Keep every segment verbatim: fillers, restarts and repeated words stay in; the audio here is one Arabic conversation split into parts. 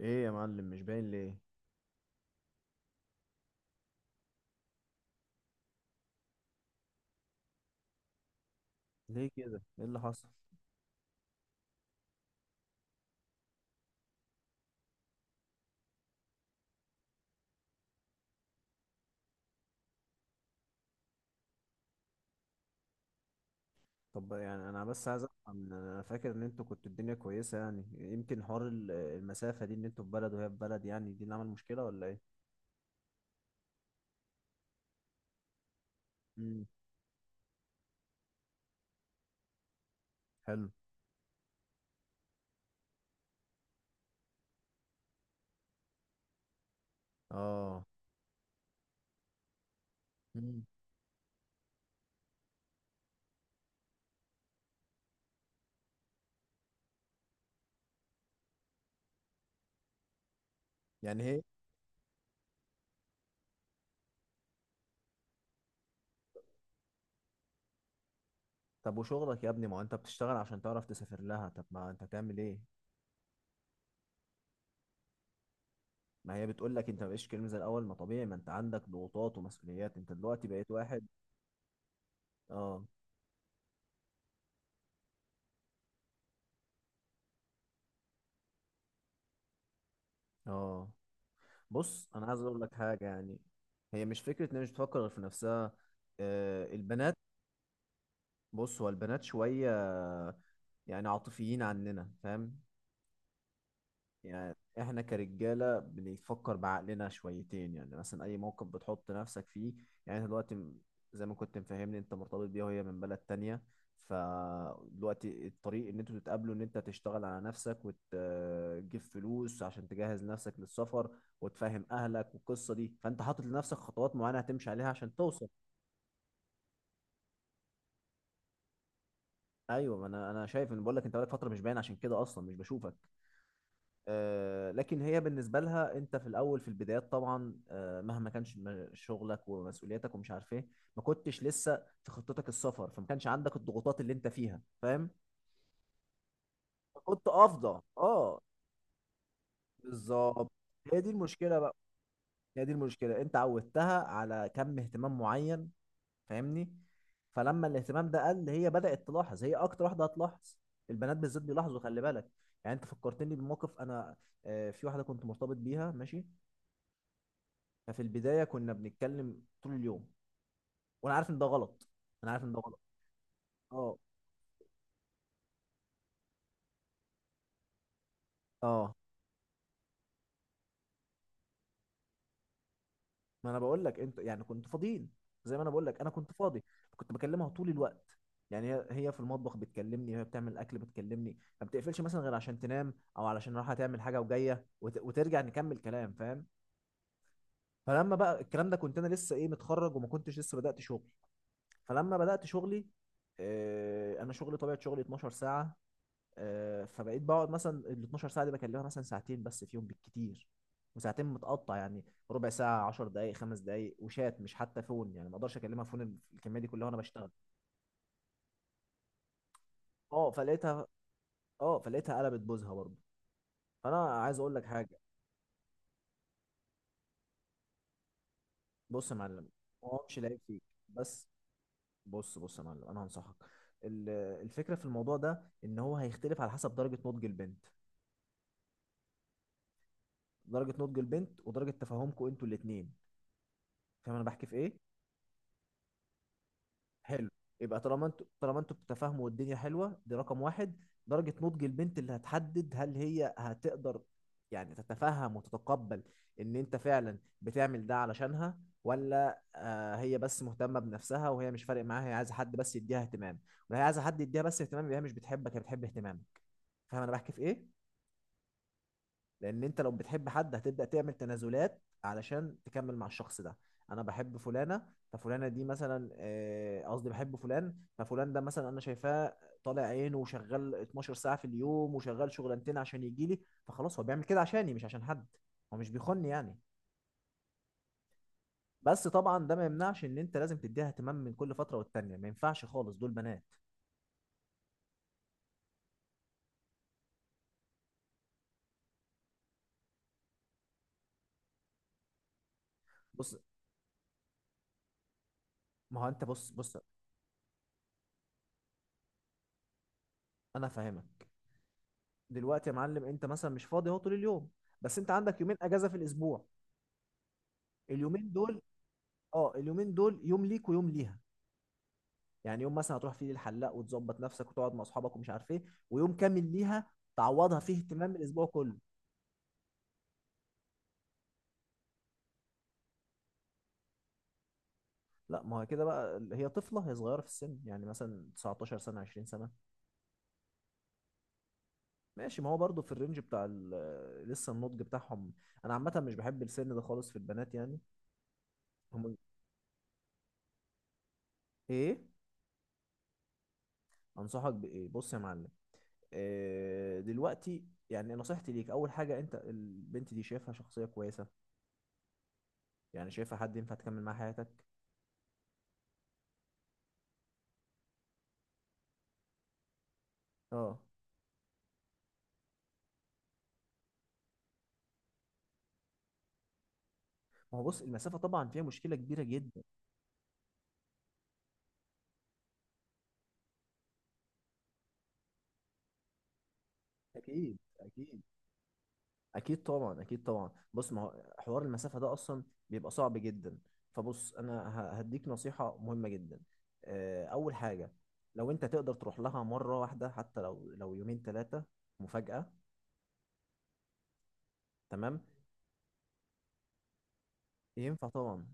ايه يا معلم، مش باين ليه؟ ليه كده؟ ايه اللي حصل؟ طب يعني انا بس عايز افهم. انا فاكر ان انتوا كنتوا الدنيا كويسه، يعني يمكن حوار ال- المسافه دي، ان انتوا في بلد وهي في بلد، يعني دي اللي عمل مشكله ولا ايه؟ امم. حلو. اه. امم، يعني هي. طب وشغلك يا ابني؟ ما هو انت بتشتغل عشان تعرف تسافر لها، طب ما انت تعمل ايه؟ ما هي بتقول لك انت مبقاش كلمه زي الاول. ما طبيعي، ما انت عندك ضغوطات ومسؤوليات، انت دلوقتي بقيت واحد. اه. اه، بص انا عايز اقول لك حاجه، يعني هي مش فكره ان هي مش بتفكر غير في نفسها. آه، البنات. بص، هو البنات شويه يعني عاطفيين عننا، فاهم؟ يعني احنا كرجاله بنفكر بعقلنا شويتين. يعني مثلا اي موقف بتحط نفسك فيه، يعني انت دلوقتي م- زي ما كنت مفهمني، انت مرتبط بيها وهي من بلد تانية. فدلوقتي الطريق ان انتوا تتقابلوا، ان انت تشتغل على نفسك وتجيب فلوس عشان تجهز نفسك للسفر وتفهم اهلك والقصه دي، فانت حاطط لنفسك خطوات معينه هتمشي عليها عشان توصل. ايوه، ما انا انا شايف، ان بقول لك انت بقالك فتره مش باين، عشان كده اصلا مش بشوفك. آه، لكن هي بالنسبة لها انت في الاول، في البدايات طبعا، آه، مهما كانش م- شغلك ومسؤولياتك ومش عارف ايه، ما كنتش لسه في خطتك السفر، فما كانش عندك الضغوطات اللي انت فيها، فاهم؟ كنت افضى. اه، بالظبط. هي دي المشكلة بقى، هي دي المشكلة، انت عودتها على كم اهتمام معين، فاهمني؟ فلما الاهتمام ده قل، هي بدأت تلاحظ. هي اكتر واحدة هتلاحظ، البنات بالذات بيلاحظوا، خلي بالك. يعني انت فكرتني بموقف انا، آه، في واحدة كنت مرتبط بيها، ماشي. ففي البدايه كنا بنتكلم طول اليوم، وانا عارف ان ده غلط، انا عارف ان ده غلط. اه. اه، ما انا بقول لك انت، يعني كنت فاضيين. زي ما انا بقول لك، انا كنت فاضي. كنت بكلمها طول الوقت. يعني هي هي في المطبخ بتكلمني، وهي بتعمل الاكل بتكلمني، ما بتقفلش مثلا غير عشان تنام، او علشان رايحه تعمل حاجه وجايه، وت... وترجع نكمل كلام، فاهم؟ فلما بقى الكلام ده، كنت انا لسه ايه، متخرج، وما كنتش لسه بدات شغل. فلما بدات شغلي، آه، انا شغلي، طبيعه شغلي اثنا عشر ساعة ساعه. آه، فبقيت بقعد مثلا ال الاتناشر ساعة ساعه دي بكلمها مثلا ساعتين بس فيهم بالكتير، وساعتين متقطع يعني، ربع ساعه، 10 دقائق، خمس دقائق، وشات مش حتى فون، يعني ما اقدرش اكلمها فون ال- الكميه دي كلها وانا بشتغل. اه فلقيتها اه فلقيتها قلبت بوزها برضه. فانا عايز اقول لك حاجه. بص يا معلم، هو مش لاقيك فيك، بس. بص بص يا معلم، انا هنصحك. ال- الفكره في الموضوع ده، ان هو هيختلف على حسب درجه نضج البنت. درجه نضج البنت ودرجه تفاهمكم انتوا الاثنين، فاهم انا بحكي في ايه؟ حلو. يبقى طالما انتوا طالما انتوا بتتفاهموا والدنيا حلوه، دي رقم واحد. درجه نضج البنت اللي هتحدد هل هي هتقدر يعني تتفهم وتتقبل ان انت فعلا بتعمل ده علشانها، ولا آه، هي بس مهتمه بنفسها وهي مش فارق معاها، هي عايزه حد بس يديها اهتمام. ولا هي عايزه حد يديها بس اهتمام، يبقى هي مش بتحبك، هي بتحب اهتمامك. فاهم انا بحكي في ايه؟ لان انت لو بتحب حد، هتبدا تعمل تنازلات علشان تكمل مع الشخص ده. انا بحب فلانه، ففلانه دي مثلا، آه، قصدي بحب فلان، ففلان ده مثلا انا شايفاه طالع عينه، وشغال اثنا عشر ساعة ساعه في اليوم، وشغال شغلانتين عشان يجي لي، فخلاص هو بيعمل كده عشاني، مش عشان حد، هو مش بيخوني يعني. بس طبعا ده ما يمنعش ان انت لازم تديها اهتمام من كل فتره والتانيه، ما ينفعش خالص، دول بنات. بص، ما هو انت بص بص انا فاهمك. دلوقتي يا معلم، انت مثلا مش فاضي اهو طول اليوم، بس انت عندك يومين اجازه في الاسبوع. اليومين دول، اه، اليومين دول يوم ليك ويوم ليها. يعني يوم مثلا هتروح فيه للحلاق وتظبط نفسك وتقعد مع اصحابك ومش عارف ايه، ويوم كامل ليها تعوضها فيه اهتمام الاسبوع كله. لا، ما هو كده بقى، هي طفله، هي صغيره في السن، يعني مثلا تسعة عشر سنة سنه، عشرين سنة سنه. ماشي، ما هو برضه في الرينج بتاع ال- لسه النضج بتاعهم. انا عامه مش بحب السن ده خالص في البنات، يعني. هم. ايه. انصحك بايه؟ بص يا معلم، إيه دلوقتي. يعني نصيحتي ليك، اول حاجه انت البنت دي شايفها شخصيه كويسه، يعني شايفها حد ينفع تكمل معاه حياتك. اه. ما هو بص، المسافة طبعا فيها مشكلة كبيرة جدا. اكيد اكيد. اكيد طبعا، اكيد طبعا. بص، ما هو حوار المسافة ده اصلا بيبقى صعب جدا. فبص انا ه- هديك نصيحة مهمة جدا. آه، اول حاجة، لو انت تقدر تروح لها مرة واحدة، حتى لو لو يومين ثلاثة، مفاجأة، تمام. ينفع طبعا.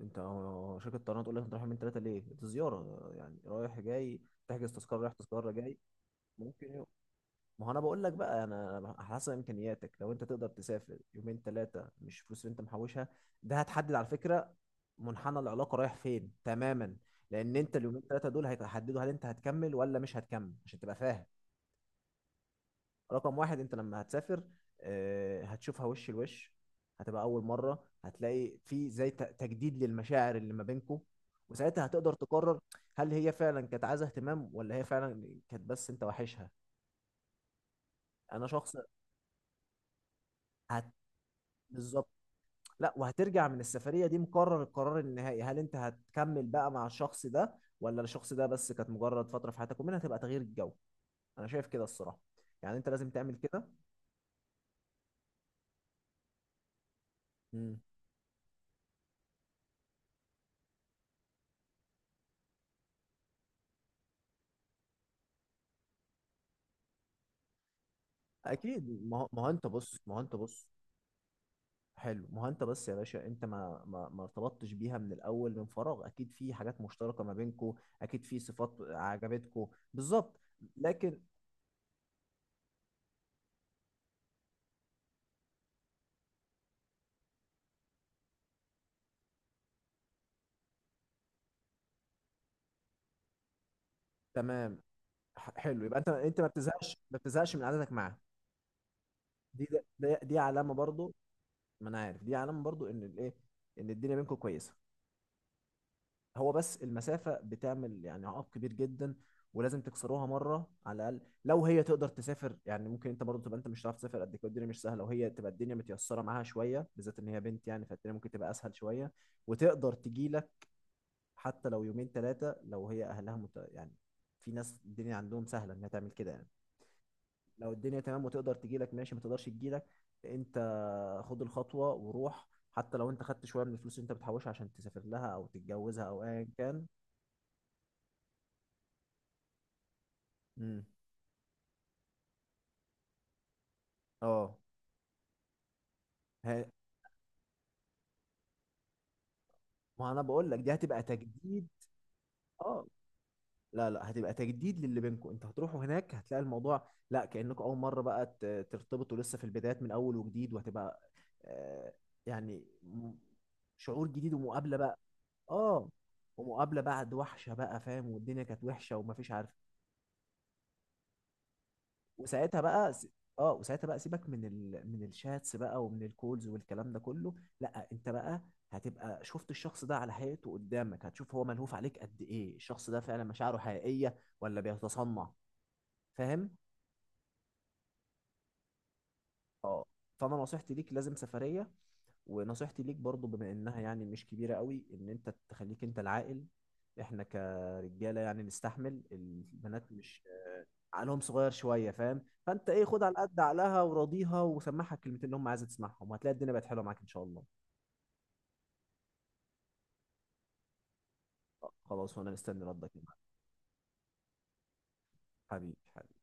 انت هو شركة طيران تقول لك انت رايح يومين ثلاثة ليه؟ دي زيارة، يعني رايح جاي، تحجز تذكرة رايح تذكرة جاي. ممكن. ما هو انا بقول لك بقى، انا أنا على حسب امكانياتك، لو انت تقدر تسافر يومين ثلاثه، مش فلوس اللي انت محوشها، ده هتحدد على فكره منحنى العلاقه رايح فين تماما. لان انت اليومين ثلاثه دول هيحددوا هل انت هتكمل ولا مش هتكمل، عشان تبقى فاهم. رقم واحد، انت لما هتسافر، آه، هتشوفها وش لوش، هتبقى اول مره هتلاقي في زي ت- تجديد للمشاعر اللي ما بينكم، وساعتها هتقدر تقرر هل هي فعلا كانت عايزه اهتمام، ولا هي فعلا كانت بس انت واحشها. انا شخص هت... بالظبط. لا، وهترجع من السفرية دي مقرر القرار النهائي، هل انت هتكمل بقى مع الشخص ده، ولا الشخص ده بس كانت مجرد فترة في حياتك ومنها تبقى تغيير الجو. انا شايف كده الصراحة، يعني انت لازم تعمل كده. مم. اكيد، ما هو ما هو انت بص ما هو انت بص. حلو، ما هو انت بس يا باشا، انت ما ما ما ارتبطتش بيها من الاول من فراغ، اكيد في حاجات مشتركة ما بينكو، اكيد في صفات عجبتكو. بالظبط. لكن تمام. ح- حلو، يبقى انت انت ما بتزهقش، ما بتزهقش من قعدتك معاه. دي ده- ده- دي علامة برضو. ما انا عارف دي علامه برضو، ان الايه، ان الدنيا بينكم كويسه. هو بس المسافه بتعمل يعني عائق كبير جدا، ولازم تكسروها مره على الاقل. لو هي تقدر تسافر، يعني ممكن، انت برضو تبقى انت مش هتعرف تسافر قد كده، الدنيا مش سهله، وهي تبقى الدنيا متيسره معاها شويه، بالذات ان هي بنت يعني، فالدنيا ممكن تبقى اسهل شويه، وتقدر تجي لك. حتى لو يومين ثلاثه، لو هي اهلها مت... يعني، في ناس الدنيا عندهم سهله انها تعمل كده يعني. لو الدنيا تمام وتقدر تجي لك، ماشي. ما تقدرش تجي لك انت، خد الخطوة وروح، حتى لو انت خدت شوية من الفلوس اللي انت بتحوشها، عشان تسافر لها او تتجوزها او ايا كان. امم. اه. ه- ما انا بقول لك، دي هتبقى تجديد. اه، لا لا، هتبقى تجديد للي بينكم، انت هتروحوا هناك هتلاقي الموضوع لا، كأنكم اول مرة بقى ت- ترتبطوا لسه في البدايات، من اول وجديد، وهتبقى آه، يعني م- شعور جديد ومقابلة بقى. اه، ومقابلة بعد وحشة بقى، فاهم؟ والدنيا كانت وحشة ومفيش عارف. وساعتها بقى س- اه وساعتها بقى سيبك من ال... من الشاتس بقى ومن الكولز والكلام ده كله. لا، انت بقى هتبقى شفت الشخص ده على حقيقته قدامك، هتشوف هو ملهوف عليك قد ايه، الشخص ده فعلا مشاعره حقيقية ولا بيتصنع، فاهم؟ اه. فانا نصيحتي ليك لازم سفرية، ونصيحتي ليك برضو، بما انها يعني مش كبيرة قوي، ان انت تخليك انت العاقل. احنا كرجالة يعني نستحمل البنات، مش عقلهم صغير شويه، فاهم؟ فانت ايه، خد على قد عقلها وراضيها وسمعها الكلمتين اللي هم عايزه تسمعهم، وهتلاقي الدنيا بقت حلوه معاك ان شاء الله. خلاص، وانا مستني ردك يا معلم. حبيبي حبيبي.